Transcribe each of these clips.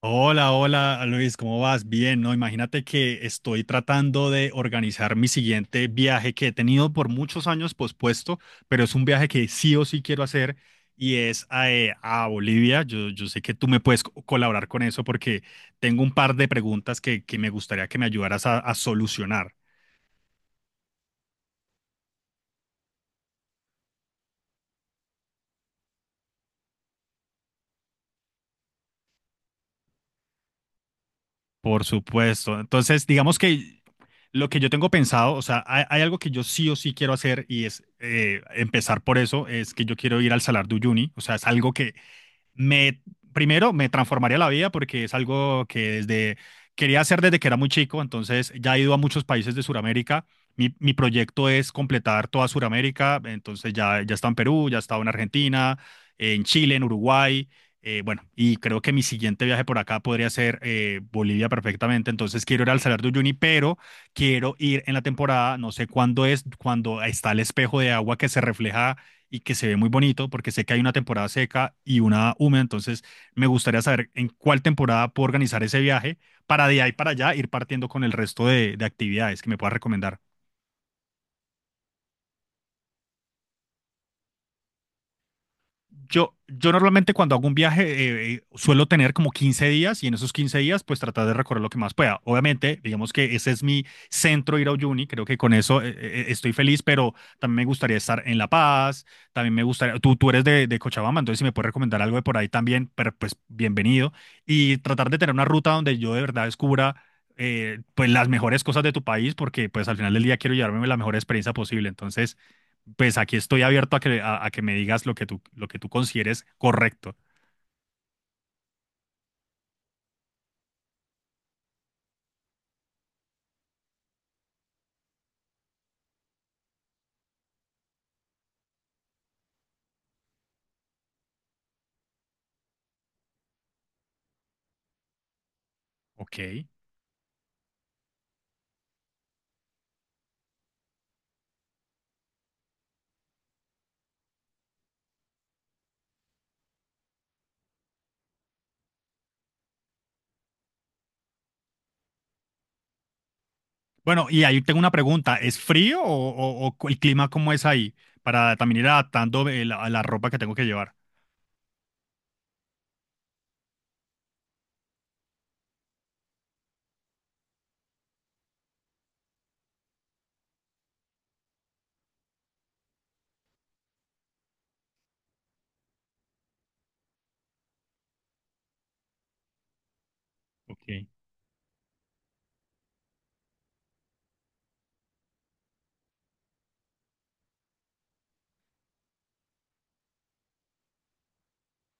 Hola, hola Luis, ¿cómo vas? Bien, ¿no? Imagínate que estoy tratando de organizar mi siguiente viaje que he tenido por muchos años pospuesto, pero es un viaje que sí o sí quiero hacer y es a Bolivia. Yo sé que tú me puedes colaborar con eso porque tengo un par de preguntas que me gustaría que me ayudaras a solucionar, por supuesto. Entonces, digamos que lo que yo tengo pensado, o sea, hay algo que yo sí o sí quiero hacer y es empezar por eso, es que yo quiero ir al Salar de Uyuni, o sea, es algo que me, primero, me transformaría la vida porque es algo que desde, quería hacer desde que era muy chico, entonces ya he ido a muchos países de Sudamérica. Mi proyecto es completar toda Sudamérica, entonces ya está en Perú, ya estaba en Argentina, en Chile, en Uruguay. Bueno, y creo que mi siguiente viaje por acá podría ser Bolivia perfectamente. Entonces quiero ir al Salar de Uyuni, pero quiero ir en la temporada, no sé cuándo es, cuando está el espejo de agua que se refleja y que se ve muy bonito porque sé que hay una temporada seca y una húmeda, entonces me gustaría saber en cuál temporada puedo organizar ese viaje para de ahí para allá ir partiendo con el resto de actividades que me pueda recomendar. Yo normalmente cuando hago un viaje suelo tener como 15 días y en esos 15 días pues tratar de recorrer lo que más pueda. Obviamente, digamos que ese es mi centro ir a Uyuni, creo que con eso estoy feliz, pero también me gustaría estar en La Paz, también me gustaría, tú eres de Cochabamba, entonces si me puedes recomendar algo de por ahí también, pero, pues bienvenido. Y tratar de tener una ruta donde yo de verdad descubra pues las mejores cosas de tu país, porque pues al final del día quiero llevarme la mejor experiencia posible. Entonces, pues aquí estoy abierto a que me digas lo que tú consideres correcto. Ok. Bueno, y ahí tengo una pregunta. ¿Es frío o el clima cómo es ahí? Para también ir adaptando a la ropa que tengo que llevar. Ok.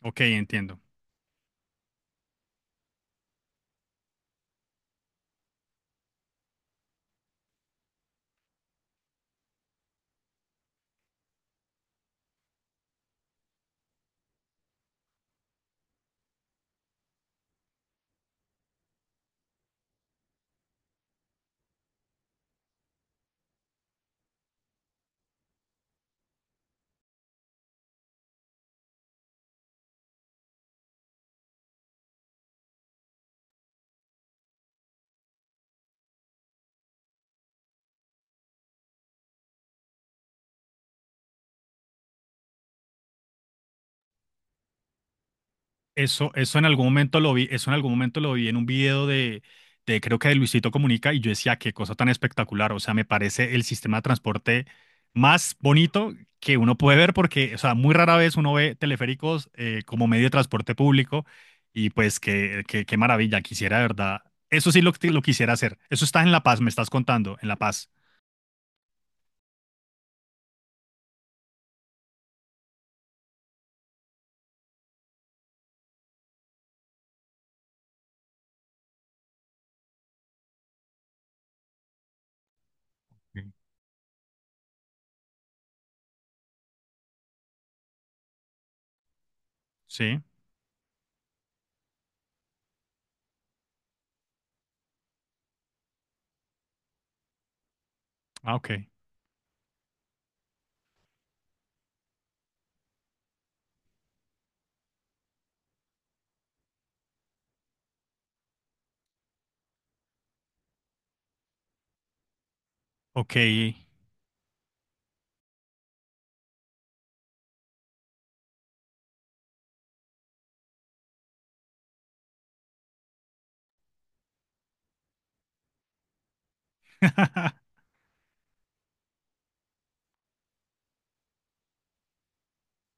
Ok, entiendo. Eso en algún momento lo vi, eso en algún momento lo vi en un video de creo que de Luisito Comunica y yo decía, qué cosa tan espectacular, o sea, me parece el sistema de transporte más bonito que uno puede ver porque, o sea, muy rara vez uno ve teleféricos como medio de transporte público y pues qué maravilla, quisiera de verdad, eso sí lo quisiera hacer, eso está en La Paz, me estás contando, en La Paz. Sí. ¿Sí? Ah, ok, ok.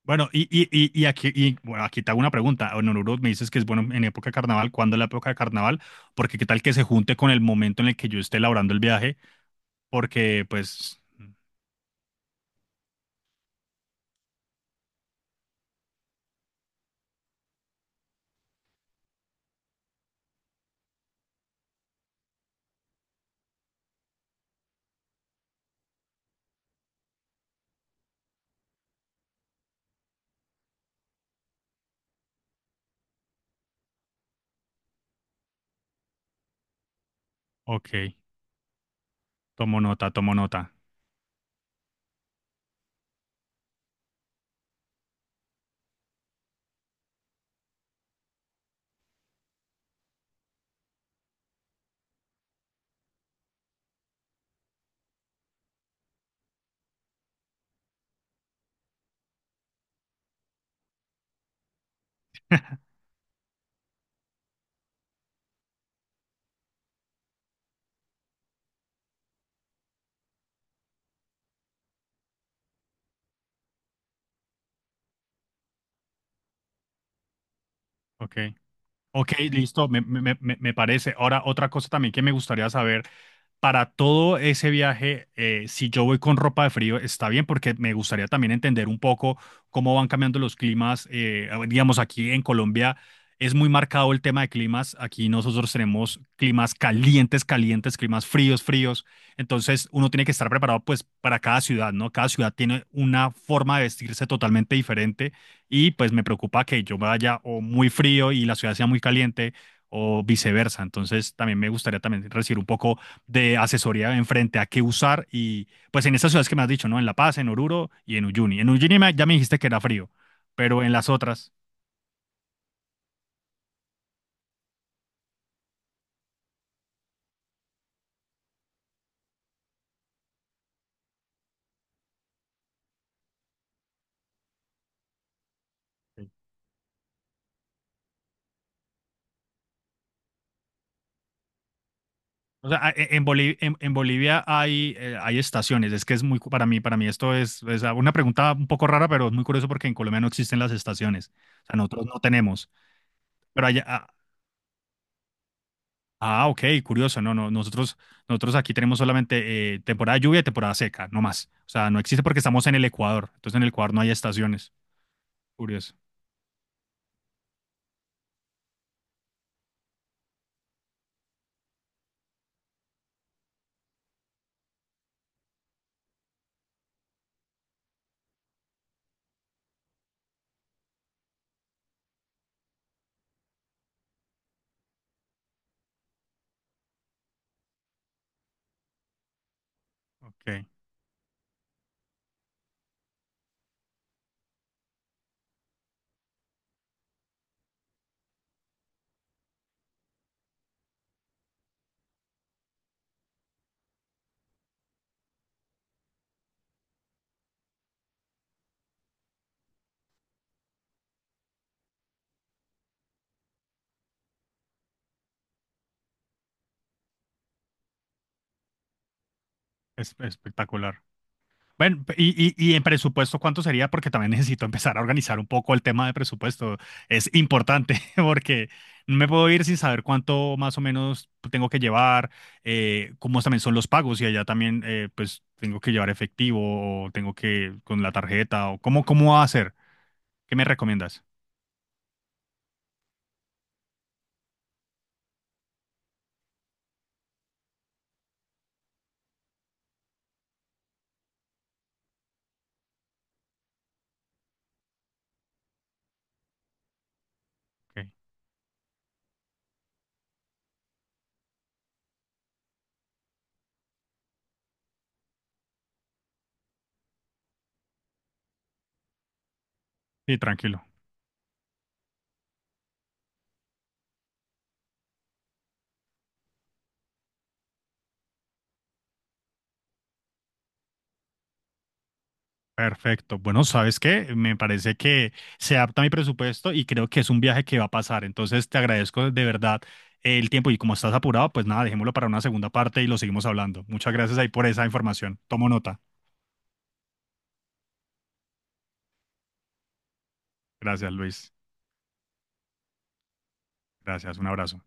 Bueno, y aquí, y, bueno, aquí te hago una pregunta. En Oruro me dices que es bueno en época de carnaval. ¿Cuándo es la época de carnaval? Porque qué tal que se junte con el momento en el que yo esté elaborando el viaje. Porque, pues, ok, tomo nota, tomo nota. Ok. Ok, listo, me, me parece. Ahora, otra cosa también que me gustaría saber, para todo ese viaje, si yo voy con ropa de frío, está bien, porque me gustaría también entender un poco cómo van cambiando los climas. Digamos, aquí en Colombia es muy marcado el tema de climas. Aquí nosotros tenemos climas calientes, calientes, climas fríos, fríos. Entonces, uno tiene que estar preparado, pues, para cada ciudad, ¿no? Cada ciudad tiene una forma de vestirse totalmente diferente y pues me preocupa que yo vaya o muy frío y la ciudad sea muy caliente o viceversa. Entonces también me gustaría también recibir un poco de asesoría en frente a qué usar y pues en estas ciudades que me has dicho, ¿no? En La Paz, en Oruro y en Uyuni. En Uyuni ya me dijiste que era frío, pero en las otras, o sea, en, en Bolivia hay, hay estaciones. Es que es muy, para mí esto es una pregunta un poco rara, pero es muy curioso porque en Colombia no existen las estaciones. O sea, nosotros no tenemos, pero allá, a- Ah, ok, curioso. No, no, nosotros aquí tenemos solamente temporada de lluvia y temporada seca, no más. O sea, no existe porque estamos en el Ecuador. Entonces en el Ecuador no hay estaciones. Curioso. Ok, es espectacular. Bueno, y en presupuesto, ¿cuánto sería? Porque también necesito empezar a organizar un poco el tema de presupuesto. Es importante porque no me puedo ir sin saber cuánto más o menos tengo que llevar, cómo también son los pagos y allá también pues tengo que llevar efectivo o tengo que con la tarjeta o cómo, cómo va a ser. ¿Qué me recomiendas? Ok. Sí, tranquilo. Perfecto. Bueno, ¿sabes qué? Me parece que se adapta a mi presupuesto y creo que es un viaje que va a pasar. Entonces, te agradezco de verdad el tiempo y como estás apurado, pues nada, dejémoslo para una segunda parte y lo seguimos hablando. Muchas gracias ahí por esa información. Tomo nota. Gracias, Luis. Gracias. Un abrazo.